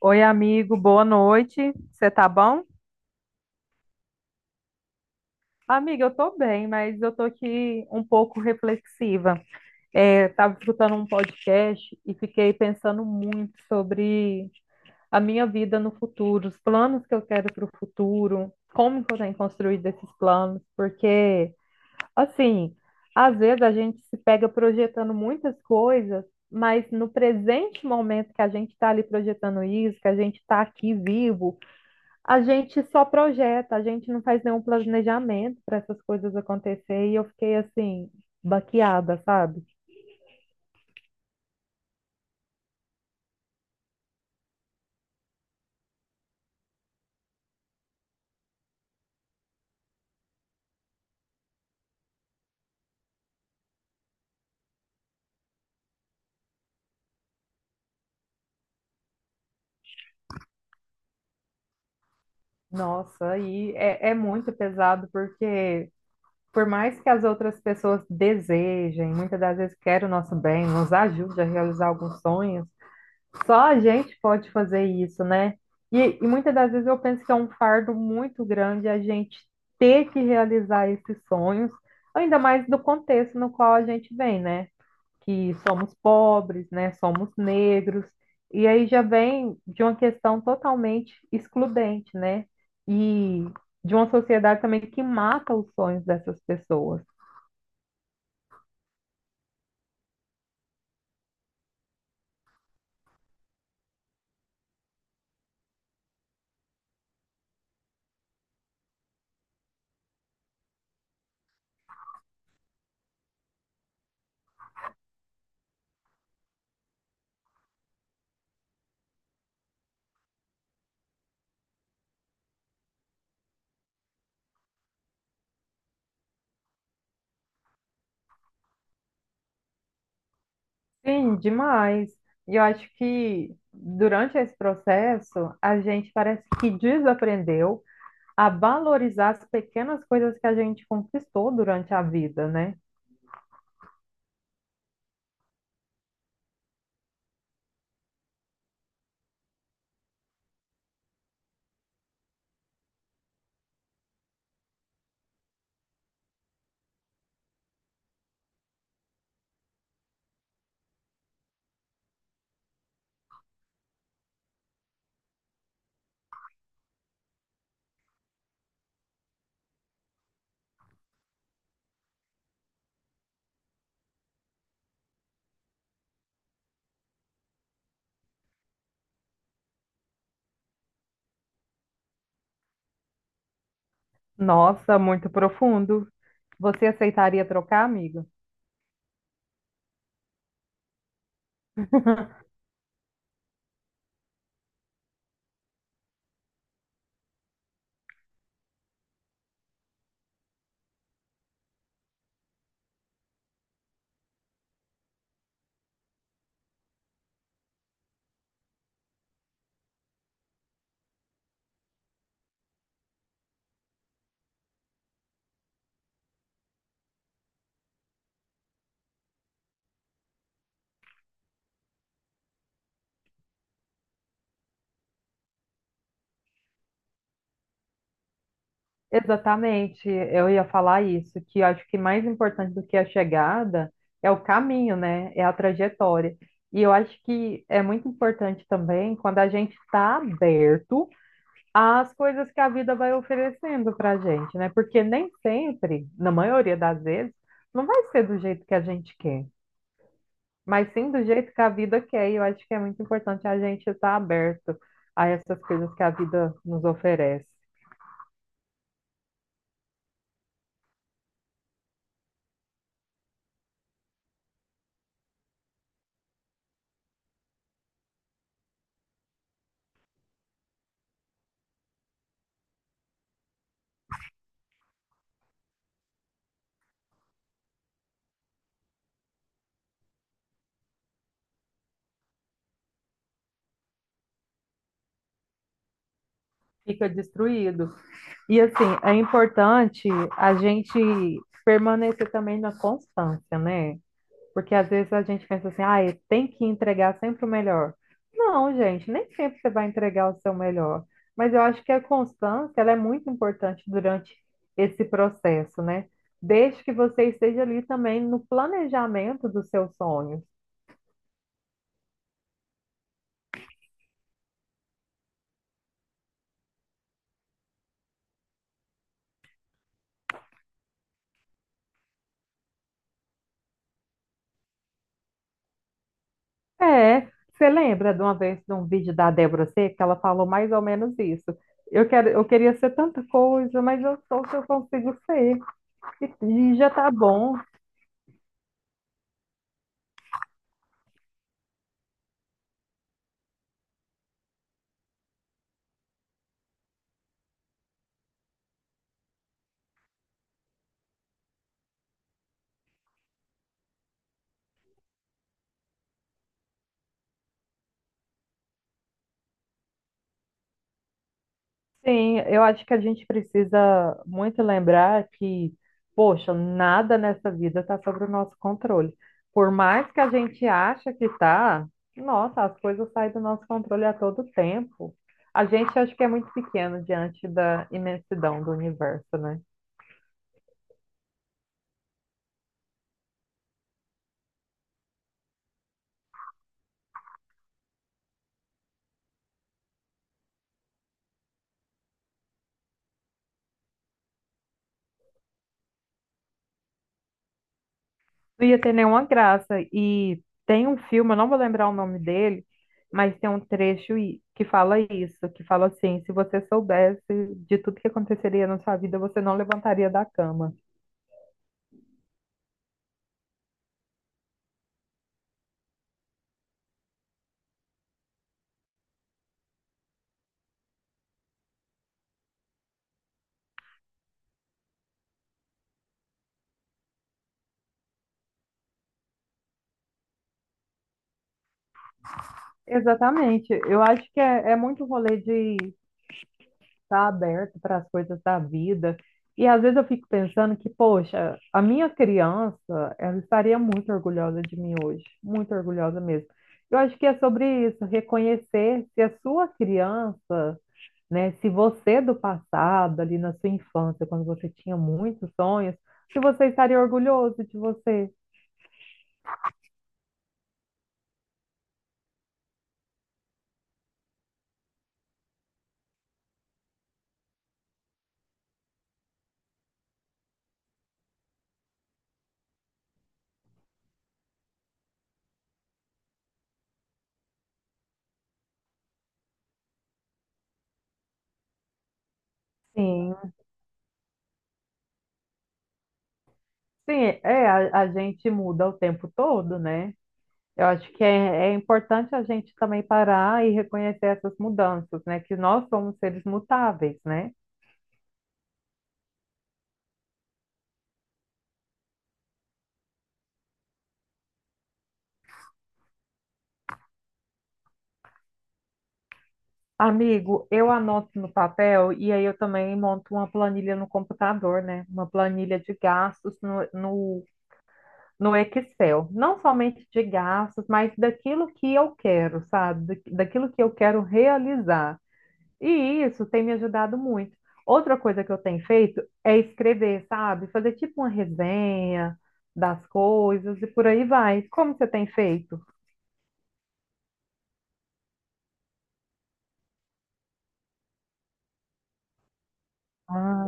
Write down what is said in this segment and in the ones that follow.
Oi, amigo, boa noite. Você tá bom? Amiga, eu tô bem, mas eu tô aqui um pouco reflexiva. É, tava escutando um podcast e fiquei pensando muito sobre a minha vida no futuro, os planos que eu quero para o futuro, como que eu tenho construído esses planos, porque, assim, às vezes a gente se pega projetando muitas coisas, mas no presente momento que a gente está ali projetando isso, que a gente está aqui vivo, a gente só projeta, a gente não faz nenhum planejamento para essas coisas acontecer e eu fiquei assim, baqueada, sabe? Nossa, é muito pesado porque por mais que as outras pessoas desejem, muitas das vezes querem o nosso bem, nos ajude a realizar alguns sonhos, só a gente pode fazer isso, né? E muitas das vezes eu penso que é um fardo muito grande a gente ter que realizar esses sonhos, ainda mais do contexto no qual a gente vem, né? Que somos pobres, né? Somos negros. E aí já vem de uma questão totalmente excludente, né? E de uma sociedade também que mata os sonhos dessas pessoas. Sim, demais. E eu acho que durante esse processo, a gente parece que desaprendeu a valorizar as pequenas coisas que a gente conquistou durante a vida, né? Nossa, muito profundo. Você aceitaria trocar, amiga? Exatamente, eu ia falar isso, que eu acho que mais importante do que a chegada é o caminho, né? É a trajetória. E eu acho que é muito importante também quando a gente está aberto às coisas que a vida vai oferecendo para a gente, né? Porque nem sempre, na maioria das vezes, não vai ser do jeito que a gente quer, mas sim do jeito que a vida quer. E eu acho que é muito importante a gente estar aberto a essas coisas que a vida nos oferece. Fica destruído. E assim, é importante a gente permanecer também na constância, né? Porque às vezes a gente pensa assim, ah, tem que entregar sempre o melhor. Não, gente, nem sempre você vai entregar o seu melhor. Mas eu acho que a constância, ela é muito importante durante esse processo, né? Desde que você esteja ali também no planejamento do seu sonho. É, você lembra de uma vez de um vídeo da Débora Seca, que ela falou mais ou menos isso. Eu queria ser tanta coisa, mas eu sou o que eu consigo ser. E já tá bom. Sim, eu acho que a gente precisa muito lembrar que, poxa, nada nessa vida está sobre o nosso controle. Por mais que a gente ache que tá, nossa, as coisas saem do nosso controle a todo tempo. A gente acha que é muito pequeno diante da imensidão do universo, né? Não ia ter nenhuma graça. E tem um filme, eu não vou lembrar o nome dele, mas tem um que fala isso, que fala assim, se você soubesse de tudo que aconteceria na sua vida, você não levantaria da cama. Exatamente. Eu acho que é muito rolê de estar aberto para as coisas da vida. E às vezes eu fico pensando que, poxa, a minha criança, ela estaria muito orgulhosa de mim hoje, muito orgulhosa mesmo. Eu acho que é sobre isso, reconhecer se a sua criança, né? Se você é do passado, ali na sua infância, quando você tinha muitos sonhos, se você estaria orgulhoso de você. Sim. Sim, a gente muda o tempo todo, né? Eu acho que é importante a gente também parar e reconhecer essas mudanças, né? Que nós somos seres mutáveis, né? Amigo, eu anoto no papel e aí eu também monto uma planilha no computador, né? Uma planilha de gastos no, no Excel, não somente de gastos, mas daquilo que eu quero, sabe? Daquilo que eu quero realizar. E isso tem me ajudado muito. Outra coisa que eu tenho feito é escrever, sabe? Fazer tipo uma resenha das coisas e por aí vai. Como você tem feito? Ah,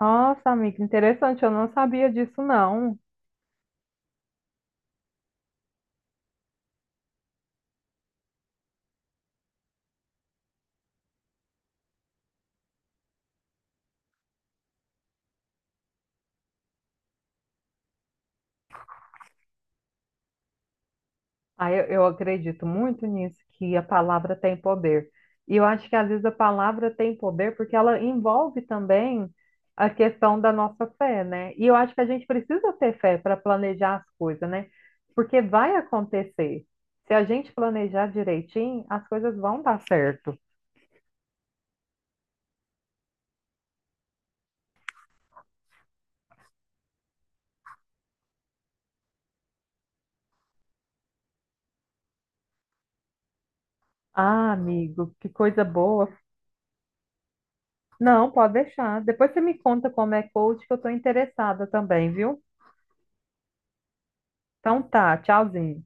nossa, amiga, interessante. Eu não sabia disso, não. Ah, eu acredito muito nisso, que a palavra tem poder. E eu acho que às vezes a palavra tem poder porque ela envolve também a questão da nossa fé, né? E eu acho que a gente precisa ter fé para planejar as coisas, né? Porque vai acontecer. Se a gente planejar direitinho, as coisas vão dar certo. Ah, amigo, que coisa boa. Não, pode deixar. Depois você me conta como é coach, que eu estou interessada também, viu? Então tá, tchauzinho.